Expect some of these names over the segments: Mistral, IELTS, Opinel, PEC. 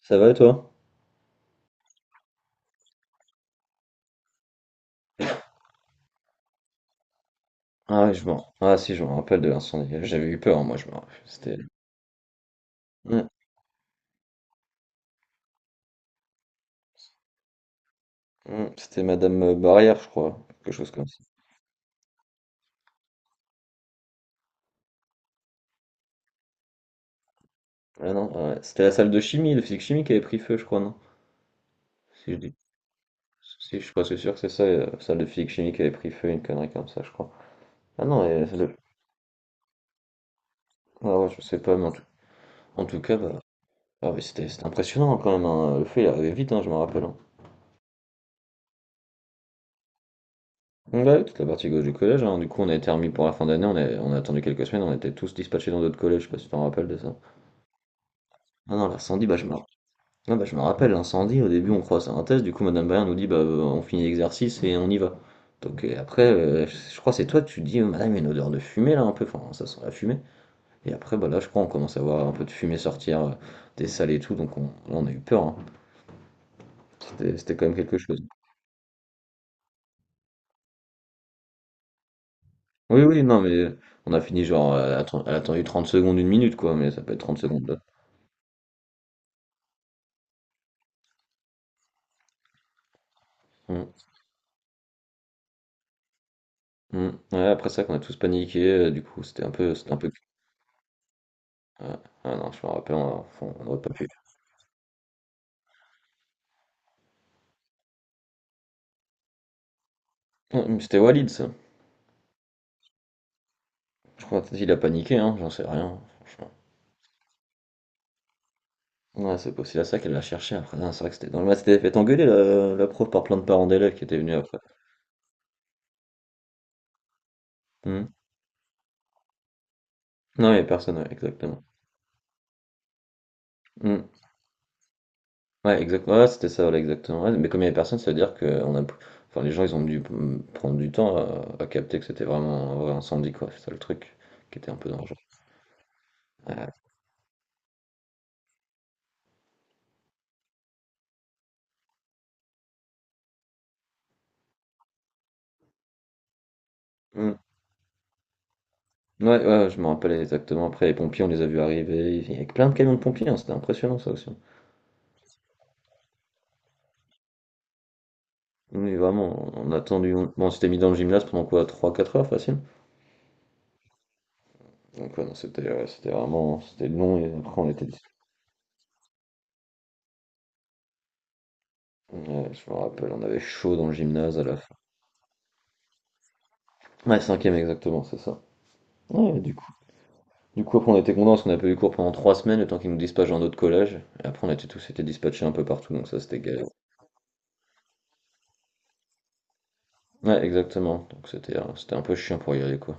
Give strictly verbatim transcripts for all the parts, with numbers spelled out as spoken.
Ça va et toi? Ah oui, je m'en... ah si, je me rappelle de l'incendie. J'avais eu peur, moi, je me rappelle. C'était... Mm, mm, C'était Madame euh, Barrière, je crois. Quelque chose comme ça. Ah non, ah ouais. C'était la salle de chimie, de physique chimie qui avait pris feu, je crois, non? Si je dis... Si, je suis presque sûr que c'est ça, euh, la salle de physique chimie qui avait pris feu, une connerie comme ça, je crois. Ah non, et le- ah ouais, je sais pas, mais en tout, en tout cas, bah... Ah, mais c'était c'était impressionnant hein, quand même, hein. Le feu, il arrivait vite, hein, je me rappelle, hein. Ouais, ouais, toute la partie gauche du collège, hein. Du coup, on a été remis pour la fin d'année, on a... on a attendu quelques semaines, on était tous dispatchés dans d'autres collèges, je sais pas si tu t'en rappelles de ça. Ah non, l'incendie, bah, je me... ah, bah, je me rappelle, l'incendie, au début on croit c'est un test, du coup Madame Brien nous dit bah euh, on finit l'exercice et on y va. Donc et après, euh, je je crois que c'est toi, tu dis euh, Madame, il y a une odeur de fumée là un peu, enfin ça sent la fumée. Et après, bah là je crois on commence à voir un peu de fumée sortir euh, des salles et tout, donc on... là on a eu peur, hein. C'était c'était quand même quelque chose. Oui, oui, non mais euh, on a fini genre, euh, elle a atten- elle a attendu trente secondes, une minute quoi, mais ça peut être trente secondes là. Hum, hum. Ouais, après ça qu'on a tous paniqué, euh, du coup c'était un peu, c'était un peu... Ouais. Ah non, je me rappelle, on on- on n'aurait pas pu. Ouais, mais c'était Walid ça. Je crois qu'il a paniqué, hein, j'en sais rien, franchement. Ouais, c'est possible, à ça qu'elle l'a cherché après. Non, c'est vrai que c'était dans le match, c'était fait engueuler la, la prof par plein de parents d'élèves qui étaient venus après. Hmm. Non, il n'y avait personne, ouais, exactement. Hmm. Ouais, exactement, ouais, c'était ça, voilà, exactement. Ouais, mais comme il n'y avait personne, ça veut dire que on a... enfin, les gens ils ont dû mm, prendre du temps à, à capter que c'était vraiment un vrai incendie, quoi. C'est ça le truc qui était un peu dangereux. Ouais, Hmm, ouais, ouais, je me rappelle exactement. Après, les pompiers, on les a vus arriver, avec plein de camions de pompiers, hein, c'était impressionnant ça aussi. Oui, vraiment, on a attendu. On- bon, on s'était mis dans le gymnase pendant quoi? Trois quatre heures facile. Donc, ouais, non, c'était ouais, c'était vraiment c'était long et après on était. Ouais, je me rappelle, on avait chaud dans le gymnase à la fin. Ouais, cinquième exactement, c'est ça. Ouais, du coup, du coup, après, on était contents parce qu'on n'a pas eu cours pendant trois semaines, le temps qu'ils nous dispatchent dans d'autres collèges. Et après, on était tous été dispatchés un peu partout, donc ça c'était galère. Ouais, exactement. Donc c'était euh, c'était un peu chiant pour y aller, quoi.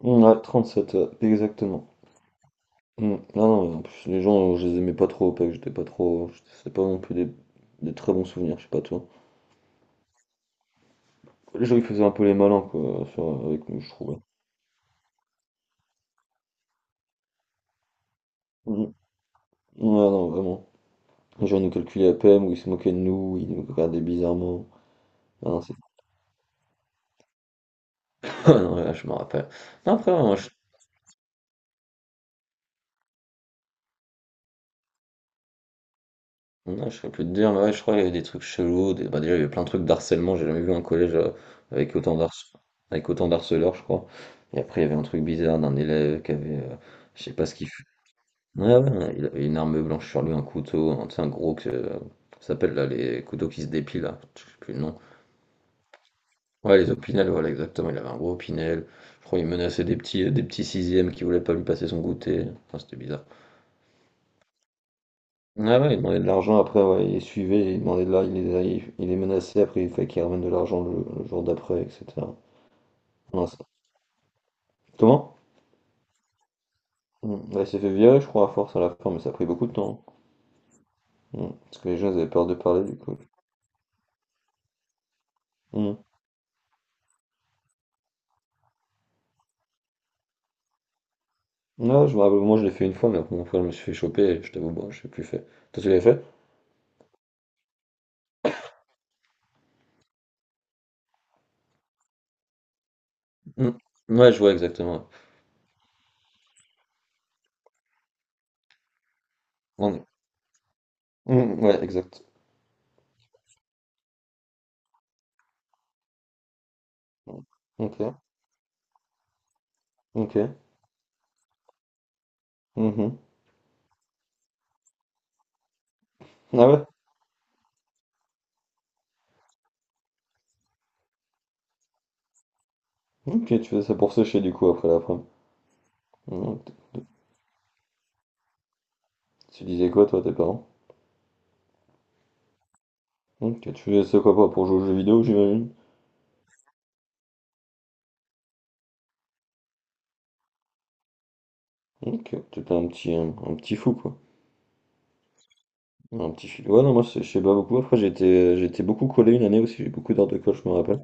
Ouais, trente-sept, ouais, exactement. Mm. Non, non, en plus, les gens, je les aimais pas trop au P E C, j'étais pas trop. C'était pas non plus des, des très bons souvenirs, je sais pas toi. Les gens, ils faisaient un peu les malins, quoi, sur- avec nous, je trouvais. Mm. Ouais, non, vraiment. Les gens nous calculaient à peine, ou ils se moquaient de nous, ils nous regardaient bizarrement. Ah non, c'est. Ah non, ouais, je me rappelle. Non, après, ouais, moi, je... non, je sais plus te dire, mais ouais, je crois qu'il y avait des trucs chelous. Des... Bah, déjà, il y avait plein de trucs d'harcèlement, j'ai jamais vu un collège euh, avec autant d'harce... avec autant d'harceleurs, je crois. Et après, il y avait un truc bizarre d'un élève qui avait. euh, Je sais pas ce qu'il fait. Ouais, ouais, ouais, il a une arme blanche sur lui, un couteau, un, tu sais, un gros que euh, ça s'appelle là, les couteaux qui se dépilent, là, je sais plus le nom. Ouais, les opinel voilà, exactement, il avait un gros opinel. Je crois qu'il menaçait des petits, euh, des petits sixièmes qui voulaient pas lui passer son goûter. Enfin, c'était bizarre. Ouais, ouais, il demandait de l'argent, après, ouais, il les suivait, il demandait de l'argent, il les, il, il les menaçait, après, il fallait qu'il ramène de l'argent le, le jour d'après, et cetera Non. ça- Comment? Mm, ouais, il s'est fait virer, je crois, à force à la fin, mais ça a pris beaucoup de temps, hein. Mm, Parce que les gens, ils avaient peur de parler, du coup. Mm. Ouais, je me rappelle, moi je l'ai fait une fois, mais après, après, je me suis fait choper et je t'avoue, bon, je l'ai plus fait. Toi, tu l'avais fait? Mm. Ouais, je vois exactement. Ouais, Mm, mm, ouais, exact. Mm. Ok, ok. Mhm. Ah ouais? Ok, tu faisais ça pour sécher du coup après l'après. Mm. t- Tu disais quoi toi, à tes parents? Ok, tu faisais ça quoi, pour pour jouer aux jeux vidéo, j'imagine? Ok, t'étais un petit, un, un petit fou quoi. Un petit fou. Ouais, non, moi c'est- je sais pas beaucoup. Après, j'étais j'étais beaucoup collé une année aussi, j'ai eu beaucoup d'heures de colle, je me rappelle.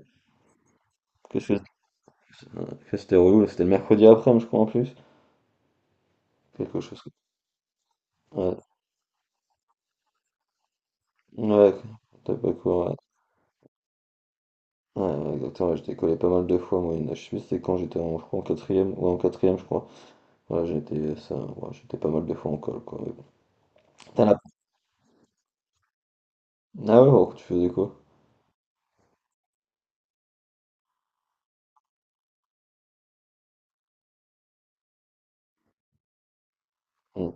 Qu'est-ce que que c'était relou, là, c'était le mercredi après, je crois en plus. Quelque chose. Ouais, ouais, t'as pas couru, ouais. Ouais, ouais, exactement, ouais, je décollais pas mal de fois, moi, une- je sais plus c'était quand j'étais en, je crois, en quatrième, ou en quatrième, je crois. Voilà, j'étais, ça, ouais, j'étais pas mal de fois en colle, quoi, mais bon. T'en as- Ah ouais, bon, tu faisais quoi? On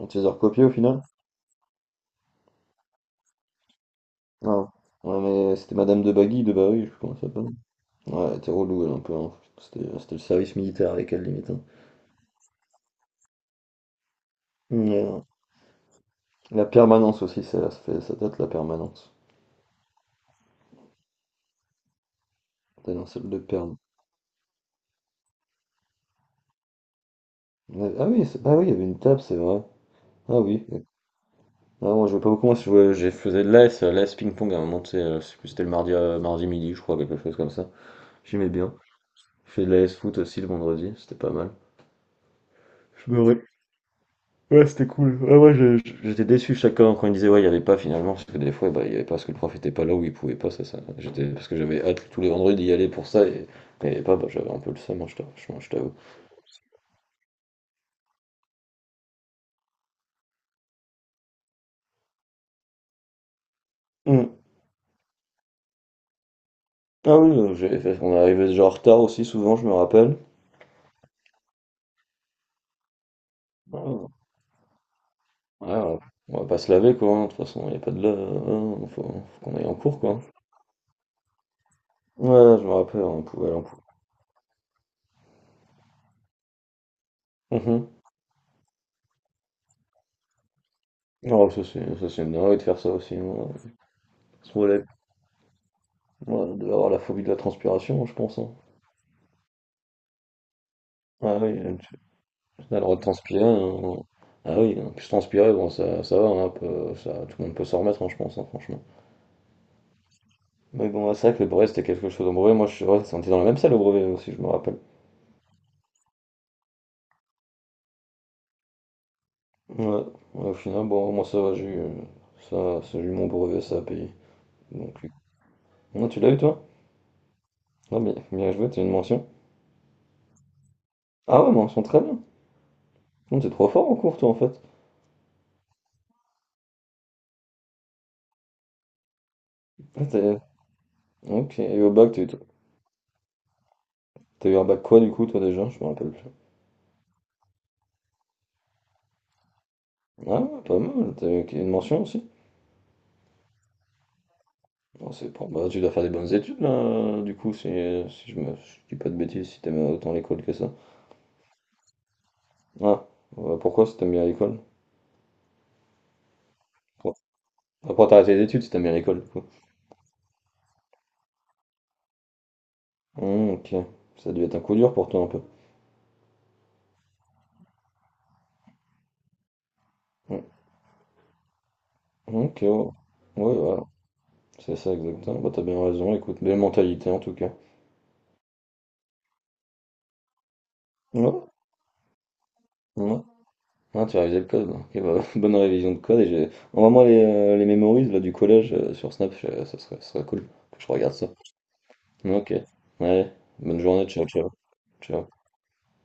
on te faisait recopier, au final? Non. Ouais, mais c'était Madame de Bagui, de Barry, je sais plus comment elle s'appelle. Ouais, elle était relou, elle, un peu, hein. C'était, c'était le service militaire avec elle, limite, hein. Hmm, Ouais, ouais. La permanence aussi, ça, ça fait, ça date, la permanence. T'es dans celle de perme. Ouais, Ah oui, c'est- ah oui, il y avait une table, c'est vrai. Ah oui, Ouais, moi je vois pas beaucoup, moi si je vois- j'ai faisais de l'A S, euh, l'A S ping-pong à un moment, tu sais, euh, je sais plus, c'était le mardi, euh, mardi midi, je crois, quelque chose comme ça. J'aimais bien. Je fais de l'A S foot aussi le vendredi, c'était pas mal. Je me ré- Ouais, c'était cool. Ouais, ouais, je- je- j'étais déçu chacun quand il disait ouais, il y avait pas finalement, parce que des fois, bah, il y avait pas parce que le prof était pas là ou il pouvait pas, ça, ça. J'étais, parce que j'avais hâte tous les vendredis d'y aller pour ça, et quand il y avait pas, bah, j'avais un peu le seum, hein, je t'avoue. Je- je t'avoue. Hum. Ah oui, euh, j'avais fait, on arrivait déjà en retard aussi, souvent, je me rappelle. Ah. Ouais, on on va pas se laver quoi, hein, de toute façon, il n'y a pas de lave, hein, faut, faut qu'on aille en cours quoi. Ouais, je me rappelle, on pouvait aller en cours. Mhm. Oh, ça c'est ça, c'est une dinguerie de faire ça aussi, hein. Se relève, ouais, de avoir la phobie de la transpiration, je pense, hein. Ah oui, tu as le droit de transpirer, hein. Ah oui, en plus transpirer, bon, ça, ça va, hein, un peu, ça, tout le monde peut s'en remettre, hein, je pense, hein, franchement. Mais bon, ouais, c'est vrai que le brevet c'était quelque chose. Au brevet, moi, je, ouais, on était dans la même salle au brevet aussi, je me rappelle. Ouais, ouais, au final, bon, moi ça va, j'ai eu, euh, ça, ça, j'ai eu mon brevet, ça a payé. Donc. Non, tu l'as eu toi? Non, mais bien joué, t'as une mention. Ah ouais, mention très bien. Non, t'es trop fort en cours, toi, en fait. Ah, t'es- Ok, et au bac, t'as eu... t'as eu un bac quoi, du coup, toi, déjà? Je me rappelle plus. Ah, ouais, pas mal, t'as eu une mention aussi. Bon, c'est bon, bah, tu dois faire des bonnes études, là, du coup, si, si je me si je dis pas de bêtises, si t'aimes autant l'école que ça. Ah, ouais, pourquoi si t'aimes bien l'école? Pourquoi Pourquoi t'as arrêté les études si t'aimes bien l'école, du coup? Hum, ok, ça a dû être un coup dur pour toi, un peu. Hum, Ok, ouais, Ouais, voilà, c'est ça, exactement. Bah, t'as bien raison, écoute, belle mentalité, en tout cas. Non, non. Ah, tu as révisé le code. Bon. Ok, bah, bonne révision de code. Et j'ai... envoie-moi les, euh, les memories là, du collège euh, sur Snap, je- ça serait, ça serait cool que je regarde ça. Ok, allez, bonne journée, ciao, ciao. Ciao.